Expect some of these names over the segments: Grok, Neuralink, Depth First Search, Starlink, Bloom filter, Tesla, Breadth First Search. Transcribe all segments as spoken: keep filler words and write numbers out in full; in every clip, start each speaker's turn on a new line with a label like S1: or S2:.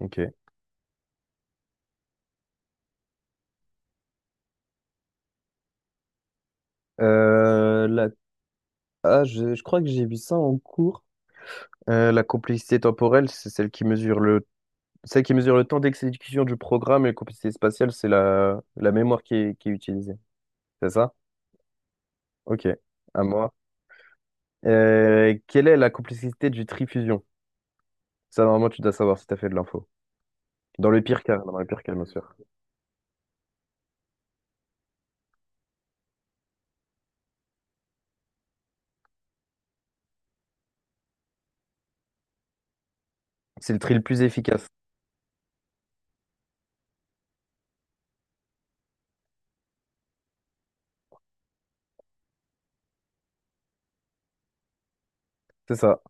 S1: Ok. Euh, la... Ah, je, je crois que j'ai vu ça en cours. Euh, la complexité temporelle, c'est celle qui mesure le... celle qui mesure le temps d'exécution du programme, et la complexité spatiale, c'est la... la mémoire qui est, qui est utilisée. C'est ça? Ok. À moi. Euh, quelle est la complexité du trifusion? Ça, normalement, tu dois savoir si tu as fait de l'info. Dans le pire cas, dans le pire cas, bien sûr. C'est le tri le plus efficace. C'est ça.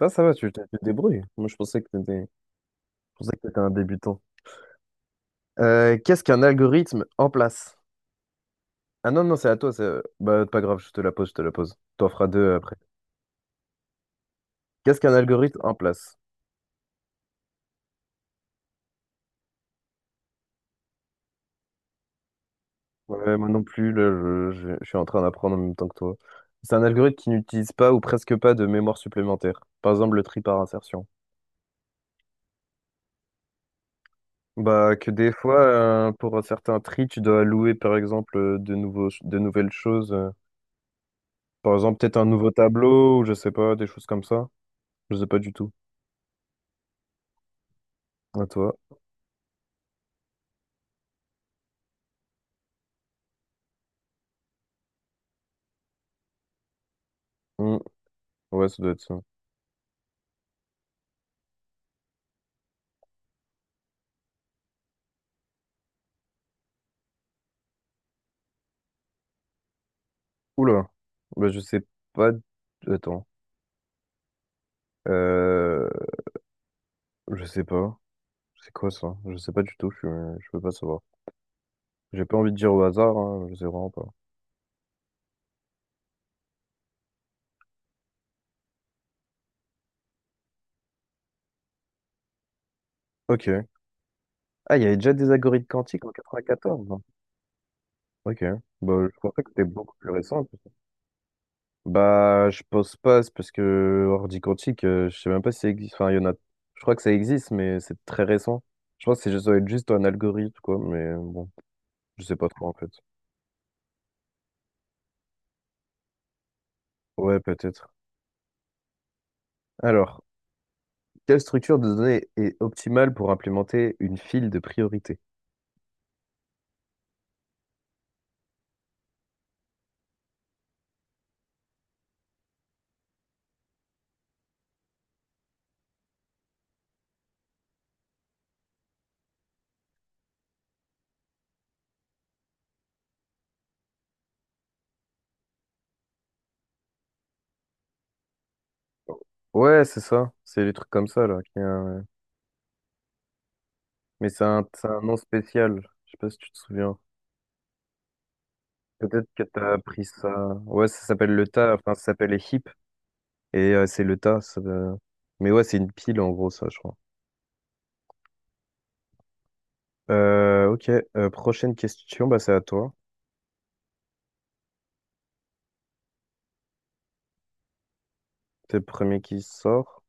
S1: Ça, ça va, tu tu te débrouilles. Moi, je pensais que t'étais, je pensais que t'étais un débutant. Euh, qu'est-ce qu'un algorithme en place? Ah non, non, c'est à toi. c'est- Bah, pas grave, je te la pose, je te la pose. T'en feras deux après. Qu'est-ce qu'un algorithme en place? Ouais, moi non plus, là, je, je- je suis en train d'apprendre en même temps que toi. C'est un algorithme qui n'utilise pas ou presque pas de mémoire supplémentaire. Par exemple, le tri par insertion. Bah, que des fois, euh, pour certains tri, tu dois allouer, par exemple, euh, de nouveaux, de nouvelles choses. euh. Par exemple, peut-être un nouveau tableau, ou je sais pas, des choses comme ça. Je sais pas du tout. À toi. Hmm. Ouais, ça doit être ça. Oula, bah, je sais pas. Attends, euh, je sais pas. C'est quoi ça? Je sais pas du tout. Je, suis- je peux pas savoir. J'ai pas envie de dire au hasard, hein. Je sais vraiment pas. Ok. Ah, il y avait déjà des algorithmes quantiques en quatre-vingt-quatorze, hein. Ok. Bah, je pensais que c'était beaucoup plus récent. Bah, je pense pas. C'est parce que ordi quantique, euh, je sais même pas si ça existe. Enfin, il y en a. Je crois que ça existe, mais c'est très récent. Je pense que c'est juste ça doit être juste un algorithme, quoi. Mais bon, je sais pas trop en fait. Ouais, peut-être. Alors. Quelle structure de données est optimale pour implémenter une file de priorité? Ouais, c'est ça. C'est des trucs comme ça, là, qui, euh, mais c'est un, c'est un nom spécial. Je sais pas si tu te souviens. Peut-être que t'as appris ça. Ouais, ça s'appelle le tas. Enfin, ça s'appelle les heaps. Et euh, c'est le tas. ça veut- Mais ouais, c'est une pile, en gros, ça, je crois. Euh, ok. Euh, prochaine question. Bah, c'est à toi. C'est le premier qui sort.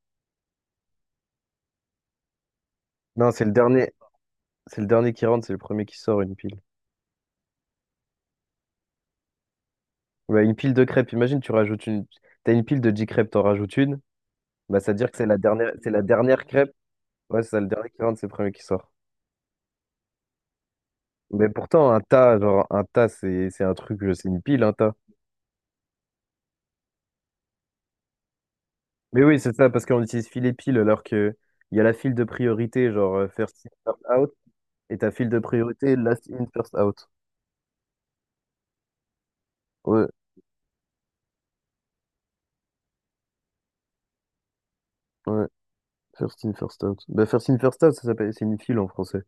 S1: Non, c'est le dernier. C'est le dernier qui rentre. C'est le premier qui sort, une pile. Ouais, une pile de crêpes. Imagine, tu rajoutes une. T'as une pile de dix crêpes, t'en rajoutes une. Bah, c'est-à-dire que c'est la dernière, c'est la dernière crêpe. Ouais, c'est ça, le dernier qui rentre, c'est le premier qui sort. Mais pourtant, un tas, genre, un tas, c'est, c'est un truc, euh, c'est une pile, un tas. Mais oui, c'est ça, parce qu'on utilise filet pile, alors que il y a la file de priorité, genre, euh, first in, first out, et ta file de priorité, last in, first out. Ouais, ouais, first in, first out. Bah, first in, first out, ça s'appelle, c'est une file en français.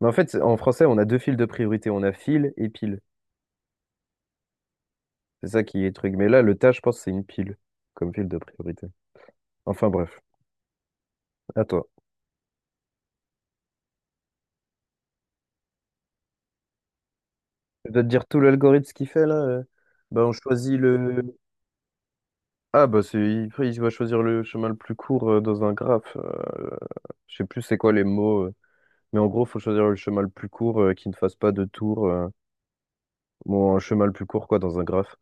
S1: Mais en fait, c'est- en français, on a deux files de priorité, on a file et pile. C'est ça qui est truc. Mais là, le tas, je pense, c'est une pile, comme file de priorité. Enfin, bref. À toi. Je dois te dire tout l'algorithme ce qu'il fait là. euh. Bah, on choisit le. Ah, bah, c'est... après, il va choisir le chemin le plus court euh, dans un graphe. Euh, je sais plus c'est quoi les mots. euh. Mais en gros, faut choisir le chemin le plus court euh, qui ne fasse pas de tour. euh. Bon, un chemin le plus court, quoi, dans un graphe.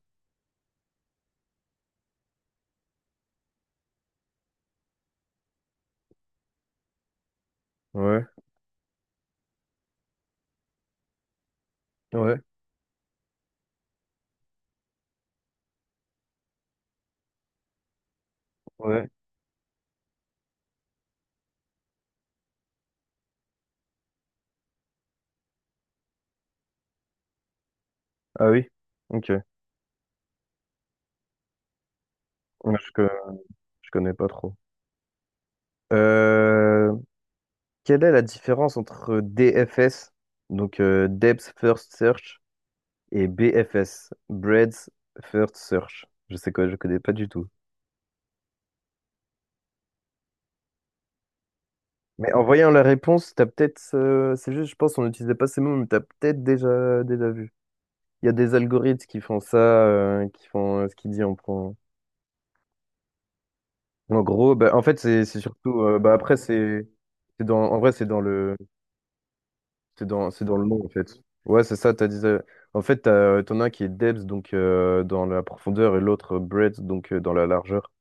S1: Ouais, ouais, ouais. Ah oui? Ok. Ouais. Je, co- je connais pas trop. Euh, Quelle est la différence entre D F S, donc euh, Depth First Search, et B F S Bread's First Search. Je sais quoi, je connais pas du tout. Mais en voyant la réponse, t'as peut-être, euh, c'est juste, je pense, on n'utilisait pas ces mots, mais t'as peut-être déjà, déjà vu. Il y a des algorithmes qui font ça, euh, qui font euh, ce qu'il dit en, prend. En gros. Bah, en fait, c'est c'est surtout, euh, bah, après, c'est c'est dans, en vrai, c'est dans le, c'est dans, c'est dans le nom, en fait. Ouais, c'est ça, t'as dit, euh, en fait, t'as- t'en as un qui est depth, donc euh, dans la profondeur, et l'autre euh, breadth, donc euh, dans la largeur.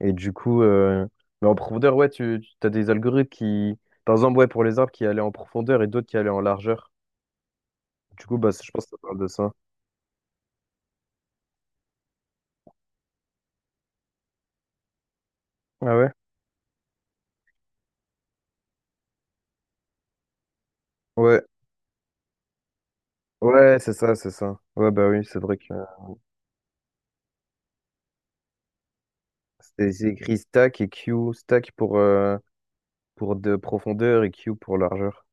S1: Et du coup, euh, mais en profondeur, ouais, tu, tu as des algorithmes qui, par exemple, ouais, pour les arbres qui allaient en profondeur et d'autres qui allaient en largeur. Du coup, bah, je pense que ça parle de ça. Ah ouais? Ouais, ouais, c'est ça, c'est ça. Ouais, bah oui, c'est vrai que c'est c'est écrit stack et Q, stack pour, euh, pour de profondeur, et Q pour largeur.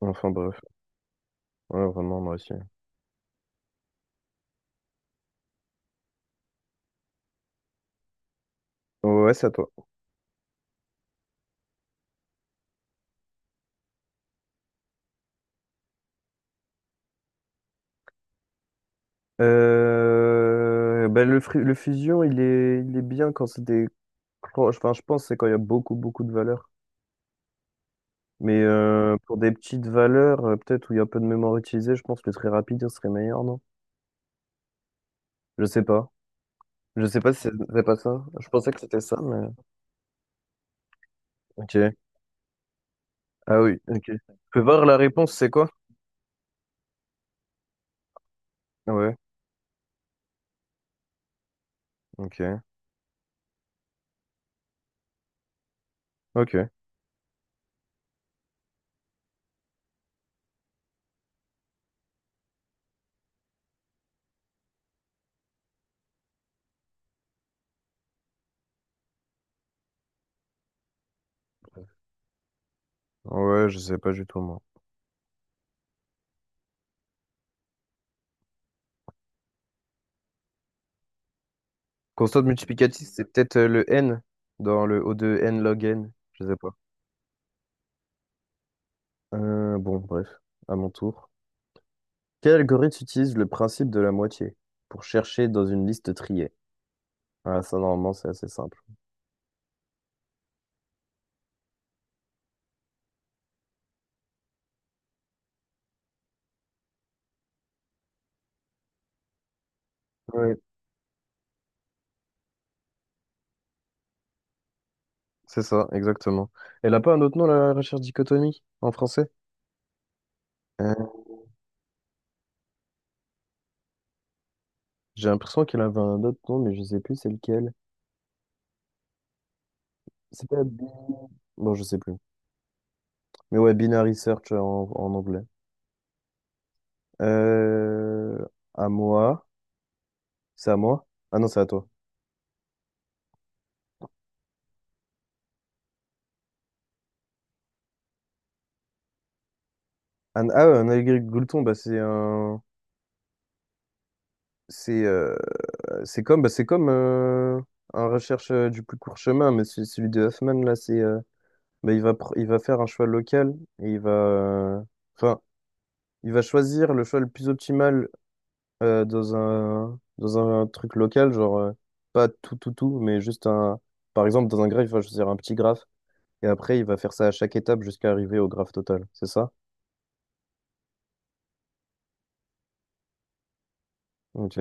S1: Enfin bref, ouais, vraiment, moi aussi. Ouais, c'est à toi. Euh, bah, le, fru- le fusion, il est, il est bien quand c'est des. cran- Enfin, je pense que c'est quand il y a beaucoup, beaucoup de valeur. Mais euh, pour des petites valeurs, euh, peut-être où il y a peu de mémoire utilisée, je pense que le très rapide ce serait meilleur, non? Je sais pas. Je sais pas si c'est c'est pas ça. Je pensais que c'était ça, mais. Ok. Ah oui, ok. Tu peux voir la réponse, c'est quoi? Ouais, ok. Ok. Ouais, je sais pas du tout, moi. Constante multiplicative, c'est peut-être euh, le n dans le O de n log n. Je sais pas. Euh, bon, bref, à mon tour. Quel algorithme utilise le principe de la moitié pour chercher dans une liste triée? Ah ça, normalement, c'est assez simple. Oui, c'est ça, exactement. Elle a pas un autre nom, la recherche dichotomie, en français? Euh, j'ai l'impression qu'elle avait un autre nom, mais je sais plus c'est lequel. C'est pas... bi- Bon, je sais plus. Mais ouais, binary search en, en anglais. Euh, à moi. C'est à moi? Ah non, c'est à toi. Un- ah ouais, un allegri Goulton, bah, c'est un. C'est euh, c'est comme, bah, c'est comme euh, un recherche euh, du plus court chemin, mais c'est- celui de Hoffman, là, c'est. euh, bah, il va, pr- il va faire un choix local et il va. euh, Enfin, il va choisir le choix le plus optimal euh, dans un, dans un truc local, genre euh, pas tout, tout, tout, mais juste un. Par exemple, dans un graphe, il va choisir un petit graphe et après, il va faire ça à chaque étape jusqu'à arriver au graphe total, c'est ça? Ok.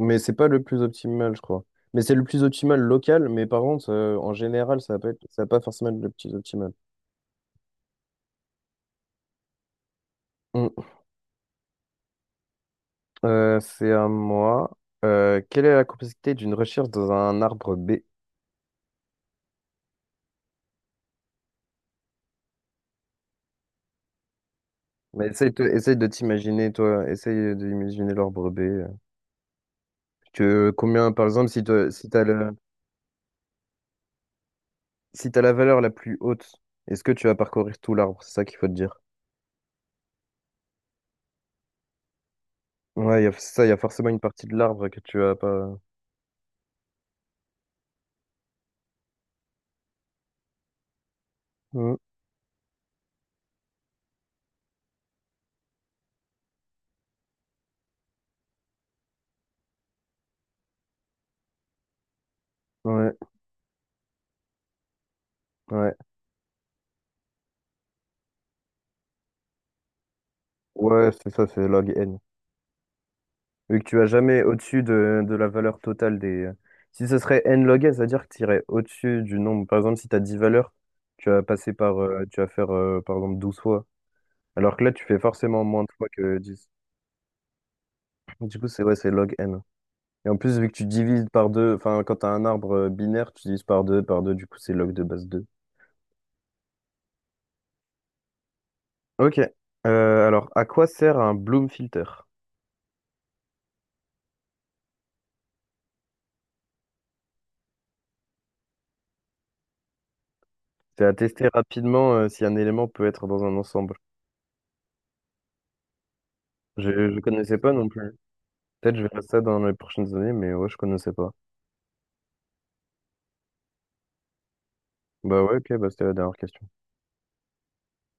S1: Mais c'est pas le plus optimal, je crois. Mais c'est le plus optimal local, mais par contre, euh, en général, ça va pas être- ça va pas forcément être le plus optimal. Mm. Euh, c'est à moi. Euh, quelle est la complexité d'une recherche dans un arbre B? Mais essaye, de essaye de t'imaginer, toi, essaye d'imaginer l'arbre B. euh. Que, combien, par exemple, si tu si t'as le- si t'as la valeur la plus haute, est-ce que tu vas parcourir tout l'arbre? C'est ça qu'il faut te dire. Ouais, y a, ça, il y a forcément une partie de l'arbre que tu vas pas. Mm. Ouais, ouais. Ouais, c'est ça, c'est log n. Vu que tu vas jamais au-dessus de, de la valeur totale des... euh, si ce serait n log n, c'est-à-dire que tu irais au-dessus du nombre. Par exemple, si tu as dix valeurs, tu vas passer par... euh, tu vas faire, euh, par exemple, douze fois. Alors que là, tu fais forcément moins de fois que dix. Du coup, c'est ouais, c'est log n. Et en plus, vu que tu divises par deux, enfin, quand tu as un arbre euh, binaire, tu divises par deux par deux, du coup, c'est log de base deux. Ok. Euh, alors, à quoi sert un Bloom filter? C'est à tester rapidement euh, si un élément peut être dans un ensemble. Je ne connaissais pas non plus. Peut-être je verrai ça dans les prochaines années, mais ouais, je connaissais pas. Bah ouais, ok, bah c'était la dernière question.